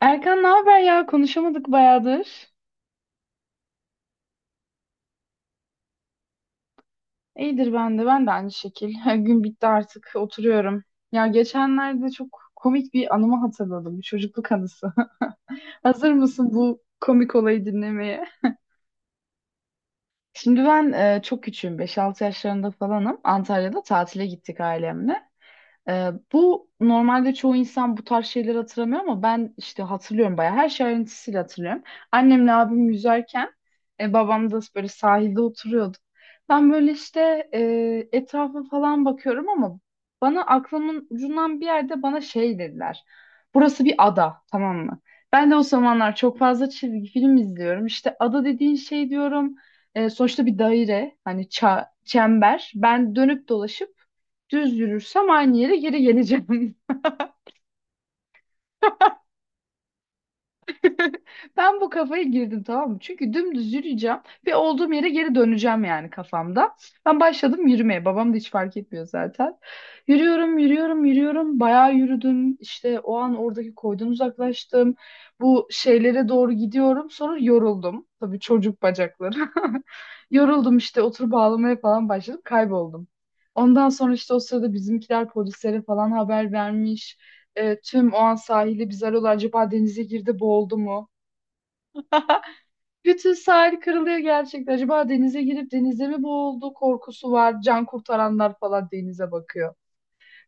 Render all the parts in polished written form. Erkan ne haber ya? Konuşamadık bayağıdır. İyidir ben de. Ben de aynı şekil. Gün bitti artık. Oturuyorum. Ya geçenlerde çok komik bir anımı hatırladım. Bir çocukluk anısı. Hazır mısın bu komik olayı dinlemeye? Şimdi ben çok küçüğüm. Beş altı yaşlarında falanım. Antalya'da tatile gittik ailemle. Bu normalde çoğu insan bu tarz şeyleri hatırlamıyor ama ben işte hatırlıyorum bayağı. Her şey ayrıntısıyla hatırlıyorum. Annemle abim yüzerken babam da böyle sahilde oturuyordu. Ben böyle işte etrafa falan bakıyorum ama aklımın ucundan bir yerde bana şey dediler. Burası bir ada, tamam mı? Ben de o zamanlar çok fazla çizgi film izliyorum. İşte ada dediğin şey diyorum. Sonuçta bir daire, hani çember. Ben dönüp dolaşıp düz yürürsem aynı yere geri geleceğim. Ben bu kafaya girdim, tamam mı? Çünkü dümdüz yürüyeceğim ve olduğum yere geri döneceğim, yani kafamda. Ben başladım yürümeye. Babam da hiç fark etmiyor zaten. Yürüyorum, yürüyorum, yürüyorum. Bayağı yürüdüm. İşte o an oradaki koydan uzaklaştım. Bu şeylere doğru gidiyorum. Sonra yoruldum. Tabii çocuk bacakları. Yoruldum işte, oturup ağlamaya falan başladım. Kayboldum. Ondan sonra işte o sırada bizimkiler polislere falan haber vermiş. Tüm o an sahili biz arıyorlar. Acaba denize girdi, boğuldu mu? Bütün sahil kırılıyor gerçekten. Acaba denize girip denize mi boğuldu korkusu var. Can kurtaranlar falan denize bakıyor.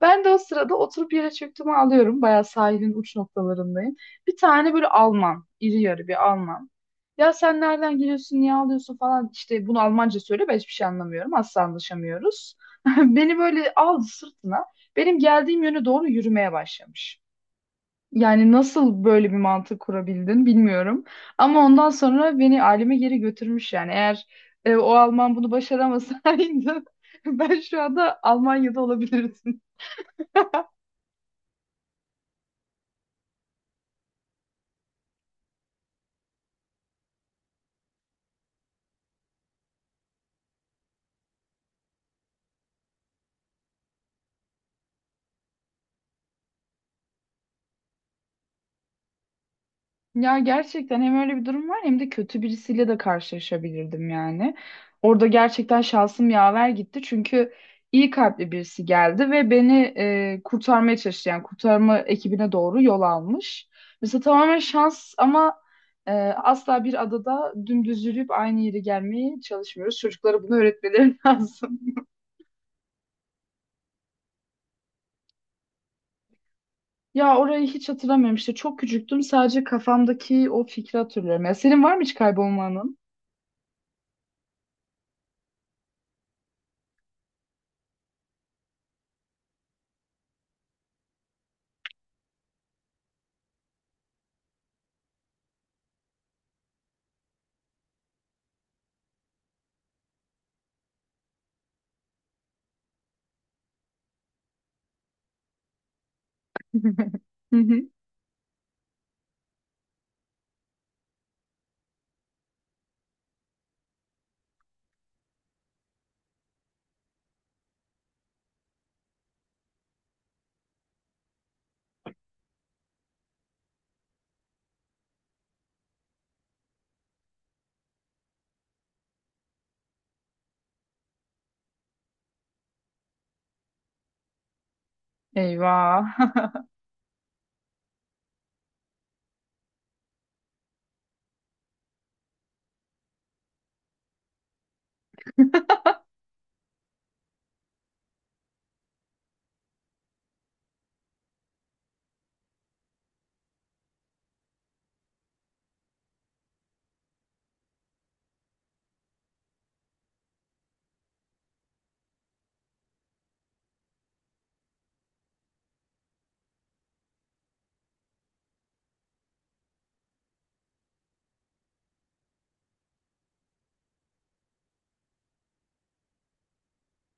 Ben de o sırada oturup yere çöktüğümü alıyorum. Bayağı sahilin uç noktalarındayım. Bir tane böyle Alman, iri yarı bir Alman. Ya sen nereden geliyorsun, niye ağlıyorsun falan. İşte bunu Almanca söyle, ben hiçbir şey anlamıyorum. Asla anlaşamıyoruz. Beni böyle aldı sırtına. Benim geldiğim yöne doğru yürümeye başlamış. Yani nasıl böyle bir mantık kurabildin bilmiyorum. Ama ondan sonra beni aileme geri götürmüş yani. Eğer o Alman bunu başaramasaydı ben şu anda Almanya'da olabilirdim. Ya gerçekten hem öyle bir durum var hem de kötü birisiyle de karşılaşabilirdim yani. Orada gerçekten şansım yaver gitti çünkü iyi kalpli birisi geldi ve beni kurtarmaya çalıştı. Yani kurtarma ekibine doğru yol almış. Mesela tamamen şans ama Ee, asla bir adada dümdüz yürüyüp aynı yere gelmeye çalışmıyoruz. Çocuklara bunu öğretmeleri lazım. Ya orayı hiç hatırlamıyorum işte. Çok küçüktüm. Sadece kafamdaki o fikri hatırlıyorum. Ya senin var mı hiç kaybolmanın? Hı hı. Eyvah.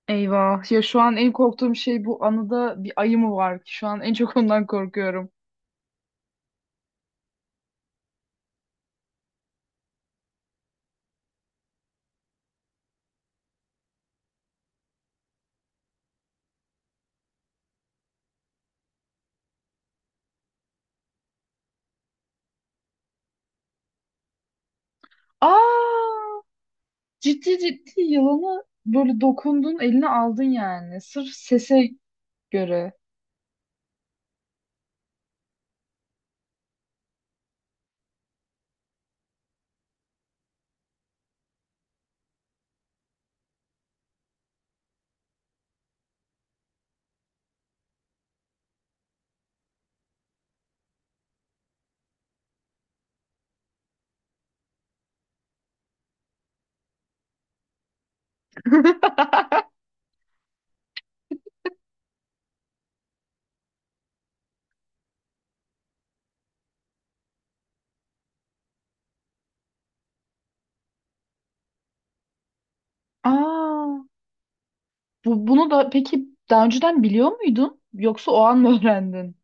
Eyvah. Ya şu an en korktuğum şey, bu anıda bir ayı mı var ki? Şu an en çok ondan korkuyorum. Aa! Ciddi ciddi yılanı böyle dokundun, eline aldın yani. Sırf sese göre. Aa! Bunu da peki daha önceden biliyor muydun? Yoksa o an mı öğrendin?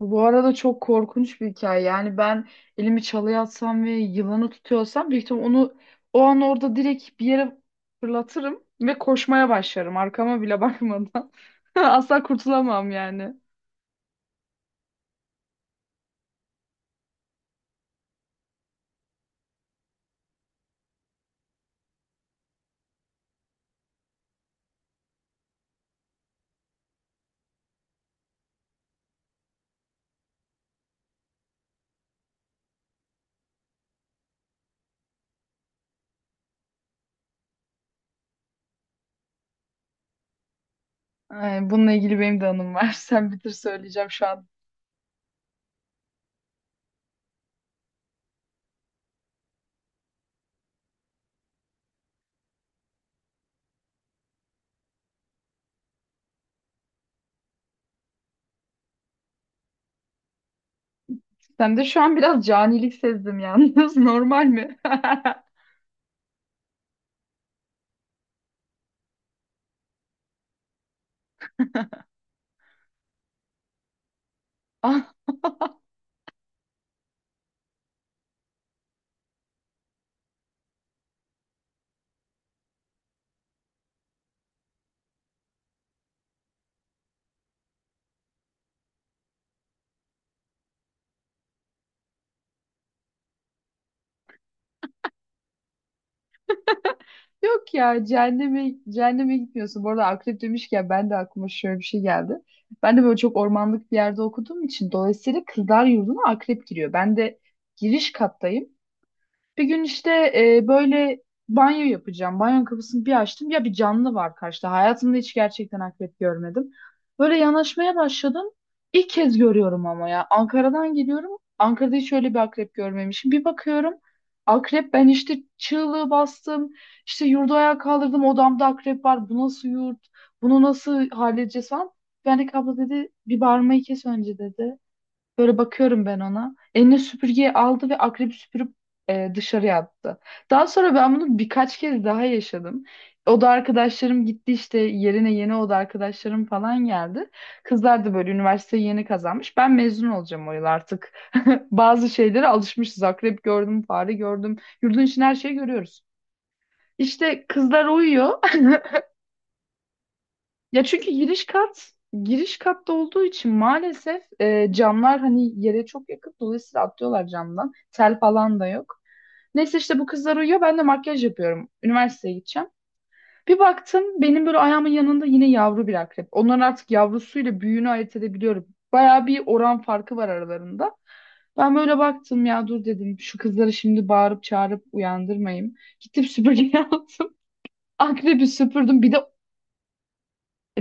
Bu arada çok korkunç bir hikaye. Yani ben elimi çalıya atsam ve yılanı tutuyorsam büyük ihtimal onu o an orada direkt bir yere fırlatırım ve koşmaya başlarım. Arkama bile bakmadan. Asla kurtulamam yani. Ay, bununla ilgili benim de anım var. Sen bitir, söyleyeceğim şu an. Sen de şu an biraz canilik sezdim yalnız. Normal mi? Yok ya, cehenneme gitmiyorsun. Bu arada akrep demişken ben de aklıma şöyle bir şey geldi. Ben de böyle çok ormanlık bir yerde okuduğum için dolayısıyla kızlar yurduna akrep giriyor. Ben de giriş kattayım. Bir gün işte böyle banyo yapacağım. Banyo kapısını bir açtım. Ya bir canlı var karşıda. Hayatımda hiç gerçekten akrep görmedim. Böyle yanaşmaya başladım. İlk kez görüyorum ama ya. Ankara'dan geliyorum. Ankara'da hiç öyle bir akrep görmemişim. Bir bakıyorum. Akrep, ben işte çığlığı bastım. İşte yurdu ayağa kaldırdım. Odamda akrep var. Bu nasıl yurt? Bunu nasıl halledeceğiz falan. Yani abla dedi, bir bağırmayı kes önce dedi. Böyle bakıyorum ben ona. Eline süpürgeyi aldı ve akrebi süpürüp dışarıya attı. Daha sonra ben bunu birkaç kez daha yaşadım. Oda arkadaşlarım gitti, işte yerine yeni oda arkadaşlarım falan geldi. Kızlar da böyle üniversiteyi yeni kazanmış. Ben mezun olacağım o yıl artık. Bazı şeylere alışmışız. Akrep gördüm, fare gördüm. Yurdun için her şeyi görüyoruz. İşte kızlar uyuyor. Ya çünkü giriş katta olduğu için maalesef camlar hani yere çok yakın. Dolayısıyla atlıyorlar camdan. Tel falan da yok. Neyse işte bu kızlar uyuyor. Ben de makyaj yapıyorum. Üniversiteye gideceğim. Bir baktım benim böyle ayağımın yanında yine yavru bir akrep. Onların artık yavrusuyla büyüğünü ayırt edebiliyorum. Bayağı bir oran farkı var aralarında. Ben böyle baktım, ya dur dedim şu kızları şimdi bağırıp çağırıp uyandırmayayım. Gittim süpürge aldım. Akrebi süpürdüm. Bir de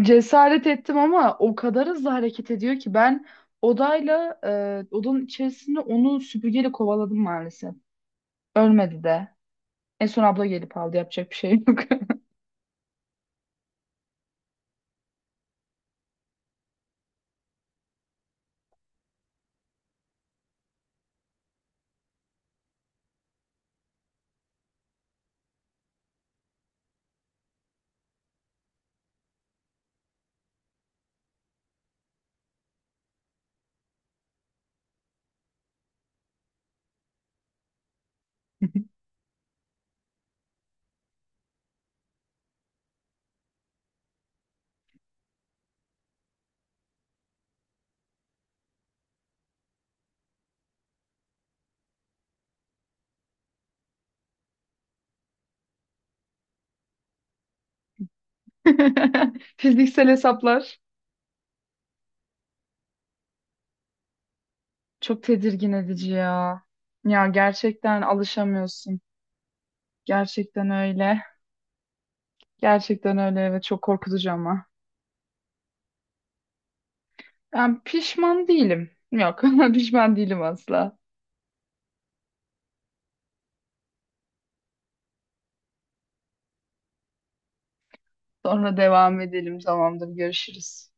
cesaret ettim ama o kadar hızlı hareket ediyor ki ben odanın içerisinde onu süpürgeyle kovaladım maalesef. Ölmedi de. En son abla gelip aldı, yapacak bir şey yok. Fiziksel hesaplar çok tedirgin edici ya. Ya gerçekten alışamıyorsun. Gerçekten öyle. Gerçekten öyle ve çok korkutucu ama. Ben pişman değilim. Yok, pişman değilim asla. Sonra devam edelim. Tamamdır, görüşürüz.